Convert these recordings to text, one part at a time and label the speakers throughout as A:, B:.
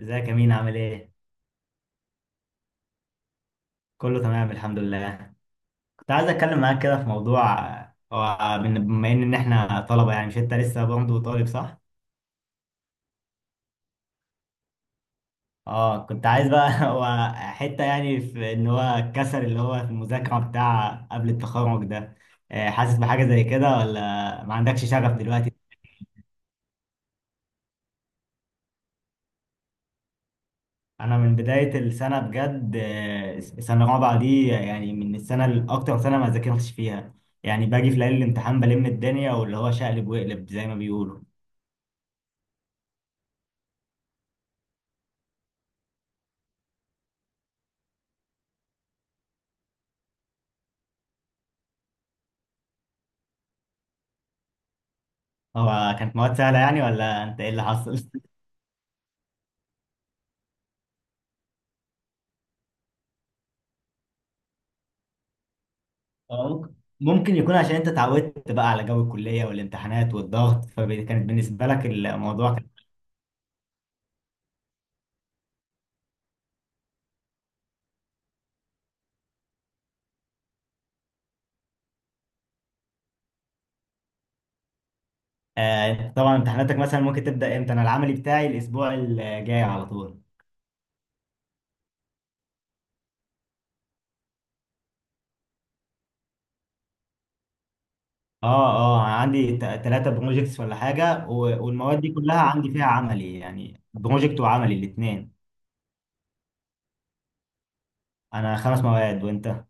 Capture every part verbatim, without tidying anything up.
A: ازيك يا مين، عامل ايه؟ كله تمام الحمد لله. كنت عايز اتكلم معاك كده في موضوع. هو بن- بما ان إن احنا طلبة، يعني مش انت لسه برضه طالب صح؟ اه كنت عايز بقى هو حتة يعني في ان هو الكسل اللي هو في المذاكرة بتاع قبل التخرج ده. آه، حاسس بحاجة زي كده ولا ما عندكش شغف دلوقتي؟ انا من بداية السنة بجد آه، سنة رابعة دي يعني من السنة الاكتر سنة ما ذاكرتش فيها. يعني باجي في ليالي الامتحان بلم الدنيا واللي هو شقلب وقلب زي ما بيقولوا. هو كانت مواد سهلة يعني ولا انت ايه اللي حصل؟ هو ممكن ممكن يكون عشان انت اتعودت بقى على جو الكلية والامتحانات والضغط، فكانت بالنسبة لك الموضوع كان. آه انت طبعا امتحاناتك مثلا ممكن تبدأ امتى؟ انا العملي بتاعي الاسبوع الجاي على طول. اه اه، عندي ثلاثة بروجيكتس ولا حاجة، و- والمواد دي كلها عندي فيها عملي، يعني بروجكت وعملي الاثنين. انا خمس مواد، وانت؟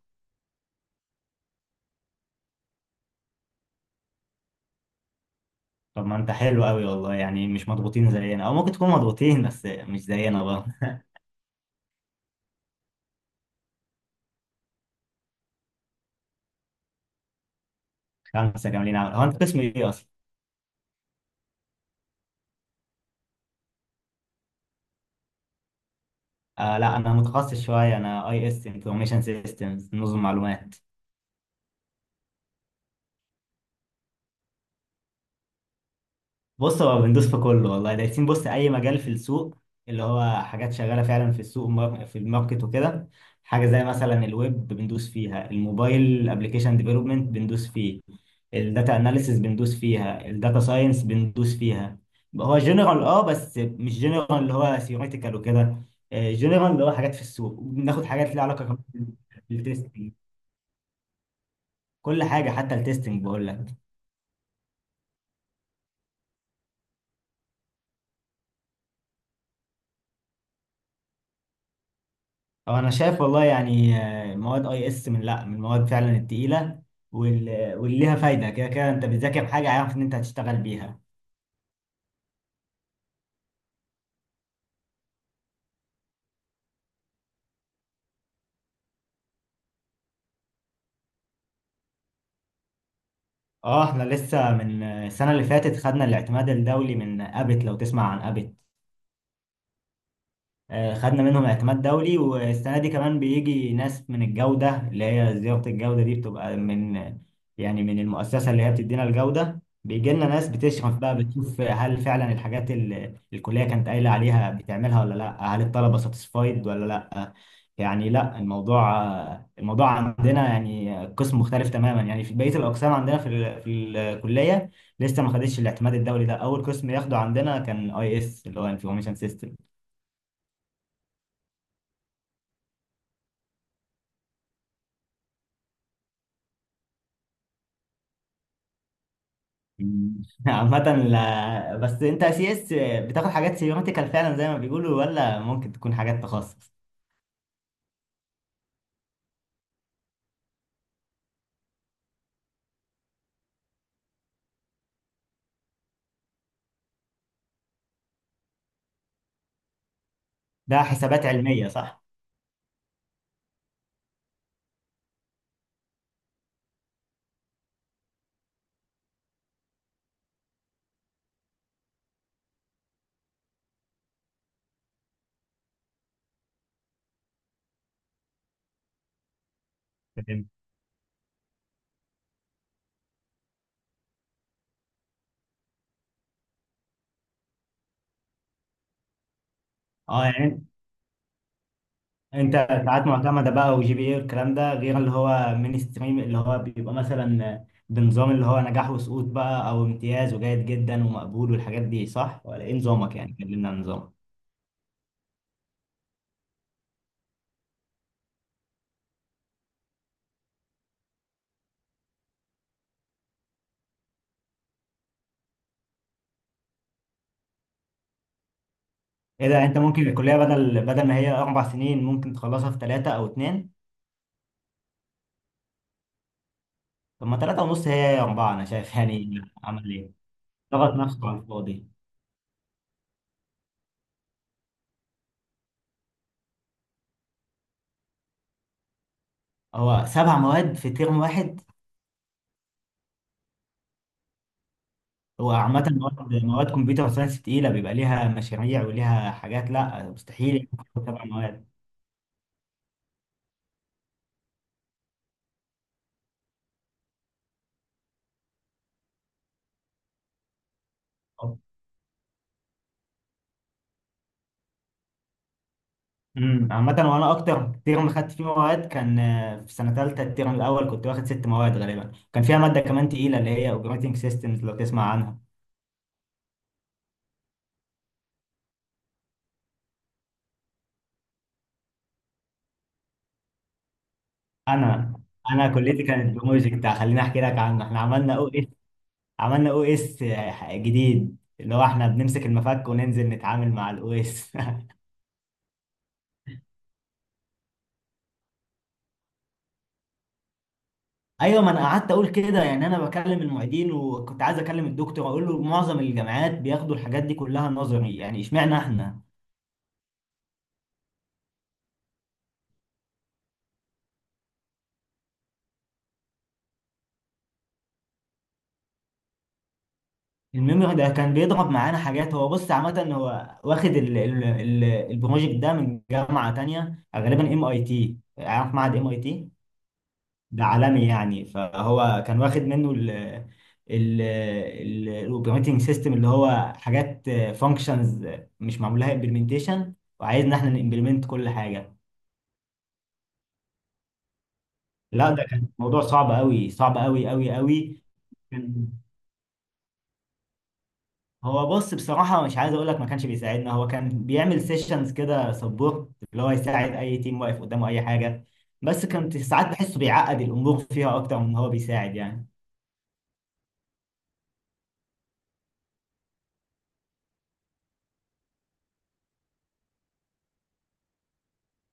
A: طب ما انت حلو قوي والله، يعني مش مضغوطين زينا، او ممكن تكون مضغوطين بس مش زينا بقى. خمسة كاملين عمل، هو انت قسم ايه اصلا؟ آه لا، انا متخصص شويه، انا اي اس انفورميشن سيستمز، نظم معلومات. بص هو بندوس في كله والله، دايسين بص اي مجال في السوق، اللي هو حاجات شغاله فعلا في السوق ومار- في الماركت وكده. حاجه زي مثلا الويب بندوس فيها، الموبايل ابلكيشن ديفلوبمنت بندوس فيه، الداتا اناليسيس بندوس فيها، الداتا ساينس بندوس فيها. هو جنرال اه، بس مش جنرال اللي هو ثيوريتيكال وكده، جنرال اللي هو حاجات في السوق، بناخد حاجات ليها علاقه كمان بالتستنج. كل حاجه حتى التستنج بقول لك. أو انا شايف والله يعني آه، مواد اي اس من لا من المواد فعلا التقيله، وال- واللي ليها فايده، كده كده انت بتذاكر حاجه عارف ان انت هتشتغل بيها. اه احنا لسه من آه، السنه اللي فاتت خدنا الاعتماد الدولي من ابت، لو تسمع عن ابت. آه، خدنا منهم اعتماد دولي، والسنه دي كمان بيجي ناس من الجوده اللي هي زياره الجوده، دي بتبقى من يعني من المؤسسه اللي هي بتدينا الجوده، بيجي لنا ناس بتشرف بقى بتشوف هل فعلا الحاجات اللي الكليه كانت قايله عليها بتعملها ولا لا، هل الطلبه ساتسفايد ولا لا. يعني لا، الموضوع الموضوع عندنا يعني قسم مختلف تماما، يعني في بقيه الاقسام عندنا في ال- في الكليه لسه ما خدتش الاعتماد الدولي ده، اول قسم ياخده عندنا كان اي اس اللي هو انفورميشن سيستم. مم. عامة لا، بس انت سي اس بتاخد حاجات سيماتيكال فعلا زي ما بيقولوا، ولا ممكن تكون حاجات تخصص؟ ده حسابات علمية صح؟ فهمت. اه يعني انت ساعات معتمدة بقى وجي بي اي والكلام ده، غير اللي هو مين ستريم اللي هو بيبقى مثلا بنظام اللي هو نجاح وسقوط بقى، او امتياز وجيد جدا ومقبول والحاجات دي صح؟ ولا ايه نظامك، يعني كلمنا عن نظامك. ايه ده، انت ممكن الكلية بدل بدل ما هي اربع سنين ممكن تخلصها في ثلاثة او اتنين؟ طب ما ثلاثة ونص هي اربعة انا شايف، يعني عمل ايه؟ ضغط نفسه على الفاضي. هو سبع مواد في ترم واحد؟ هو عامة مواد مواد كمبيوتر ساينس تقيلة بيبقى ليها مشاريع وليها حاجات، لا مستحيل يكون سبع مواد. امم، عامة وانا اكتر ترم خدت فيه مواد كان آه، في سنة تالتة الترم الاول، كنت واخد ست مواد غالبا كان فيها مادة كمان تقيلة اللي هي اوبريتنج سيستمز، لو تسمع عنها. انا انا كليتي كانت بروجكت، خليني احكي لك عنه. احنا عملنا او اس عملنا او اس جديد، اللي هو احنا بنمسك المفك وننزل نتعامل مع الاو اس. ايوه ما انا قعدت اقول كده، يعني انا بكلم المعيدين وكنت عايز اكلم الدكتور اقول له معظم الجامعات بياخدوا الحاجات دي كلها نظري، يعني اشمعنى احنا. الميموري ده كان بيضرب معانا حاجات، هو بص عامه هو واخد ال ال ال البروجكت ده من جامعه تانية، غالبا ام اي تي، عارف معهد ام اي تي؟ ده عالمي يعني، فهو كان واخد منه ال ال الاوبريتنج سيستم اللي هو حاجات فانكشنز مش معمول لها امبلمنتيشن، وعايزنا احنا نمبلمنت كل حاجه. لا ده كان موضوع صعب قوي، صعب قوي قوي قوي. كان هو بص بصراحة مش عايز اقول لك ما كانش بيساعدنا، هو كان بيعمل سيشنز كده سبورت اللي هو يساعد اي تيم واقف قدامه اي حاجة، بس كنت ساعات بحسه بيعقد الامور فيها اكتر من هو بيساعد يعني.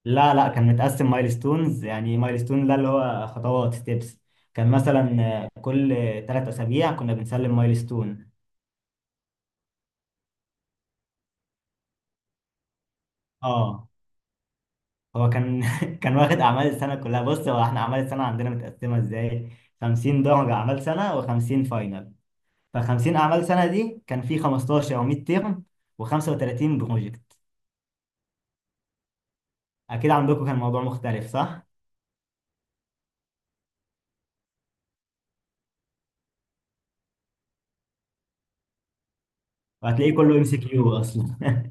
A: لا لا، كان متقسم مايلستونز، يعني مايلستون ده اللي هو خطوات ستيبس. كان مثلا آه، كل ثلاث اسابيع كنا بنسلم مايلستون. اه هو كان كان واخد اعمال السنه كلها، بص هو احنا اعمال السنه عندنا متقسمه ازاي، خمسين درجه اعمال سنه و50 فاينل. ف50 اعمال سنه دي كان في خمسة عشر او مية ترم و35 بروجكت. اكيد عندكم كان موضوع مختلف صح؟ وهتلاقيه كله ام سي كيو اصلا.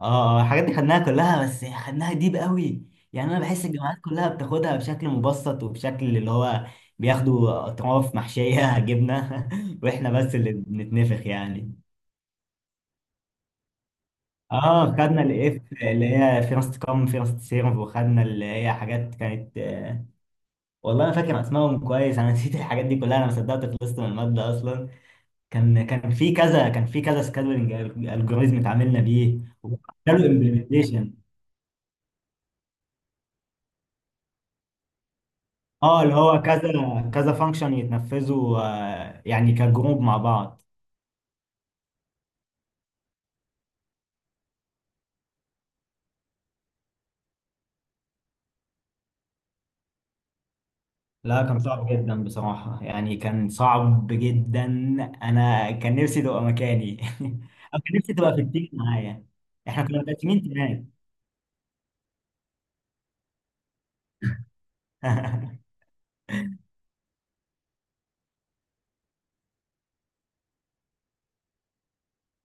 A: اه آه، الحاجات دي خدناها كلها، بس خدناها ديب قوي، يعني انا بحس الجامعات كلها بتاخدها بشكل مبسط، وبشكل اللي هو بياخدوا اطراف محشيه جبنه واحنا بس اللي بنتنفخ يعني. اه خدنا الاف اللي هي فيرست كام فيرست سيرف، وخدنا اللي هي حاجات كانت آه، والله انا فاكر اسمائهم كويس انا نسيت الحاجات دي كلها، انا ما صدقت خلصت من الماده اصلا. كان كان في كذا كان في كذا سكادولينج الجوريزم اتعاملنا بيه وعملوا امبلمنتيشن. اه اللي هو كذا كذا فانكشن يتنفذوا آه، يعني كجروب مع بعض. لا كان صعب جدا بصراحة، يعني كان صعب جدا. أنا كان نفسي تبقى مكاني أو كان نفسي تبقى في التيم معايا. إحنا كنا تلاتين تمام.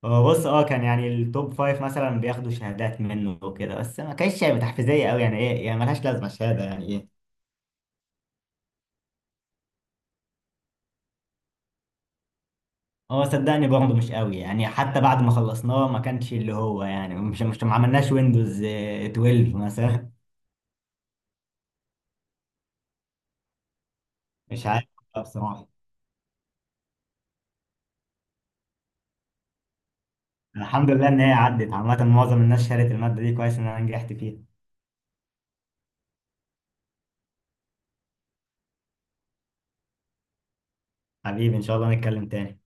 A: هو بص أه كان يعني التوب فايف مثلا بياخدوا شهادات منه وكده، بس ما كانتش يعني تحفيزية أوي، يعني إيه يعني ملهاش لازمة الشهادة، يعني إيه. هو صدقني برضه مش قوي يعني، حتى بعد ما خلصناه ما كانش اللي هو يعني مش مش ما عملناش ويندوز آه، اتناشر مثلا. مش عارف بصراحة. الحمد لله ان هي عدت، عامة معظم الناس شالت المادة دي، كويس ان انا نجحت فيها. حبيبي ان شاء الله نتكلم تاني.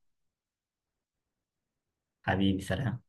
A: حبيبي سلام.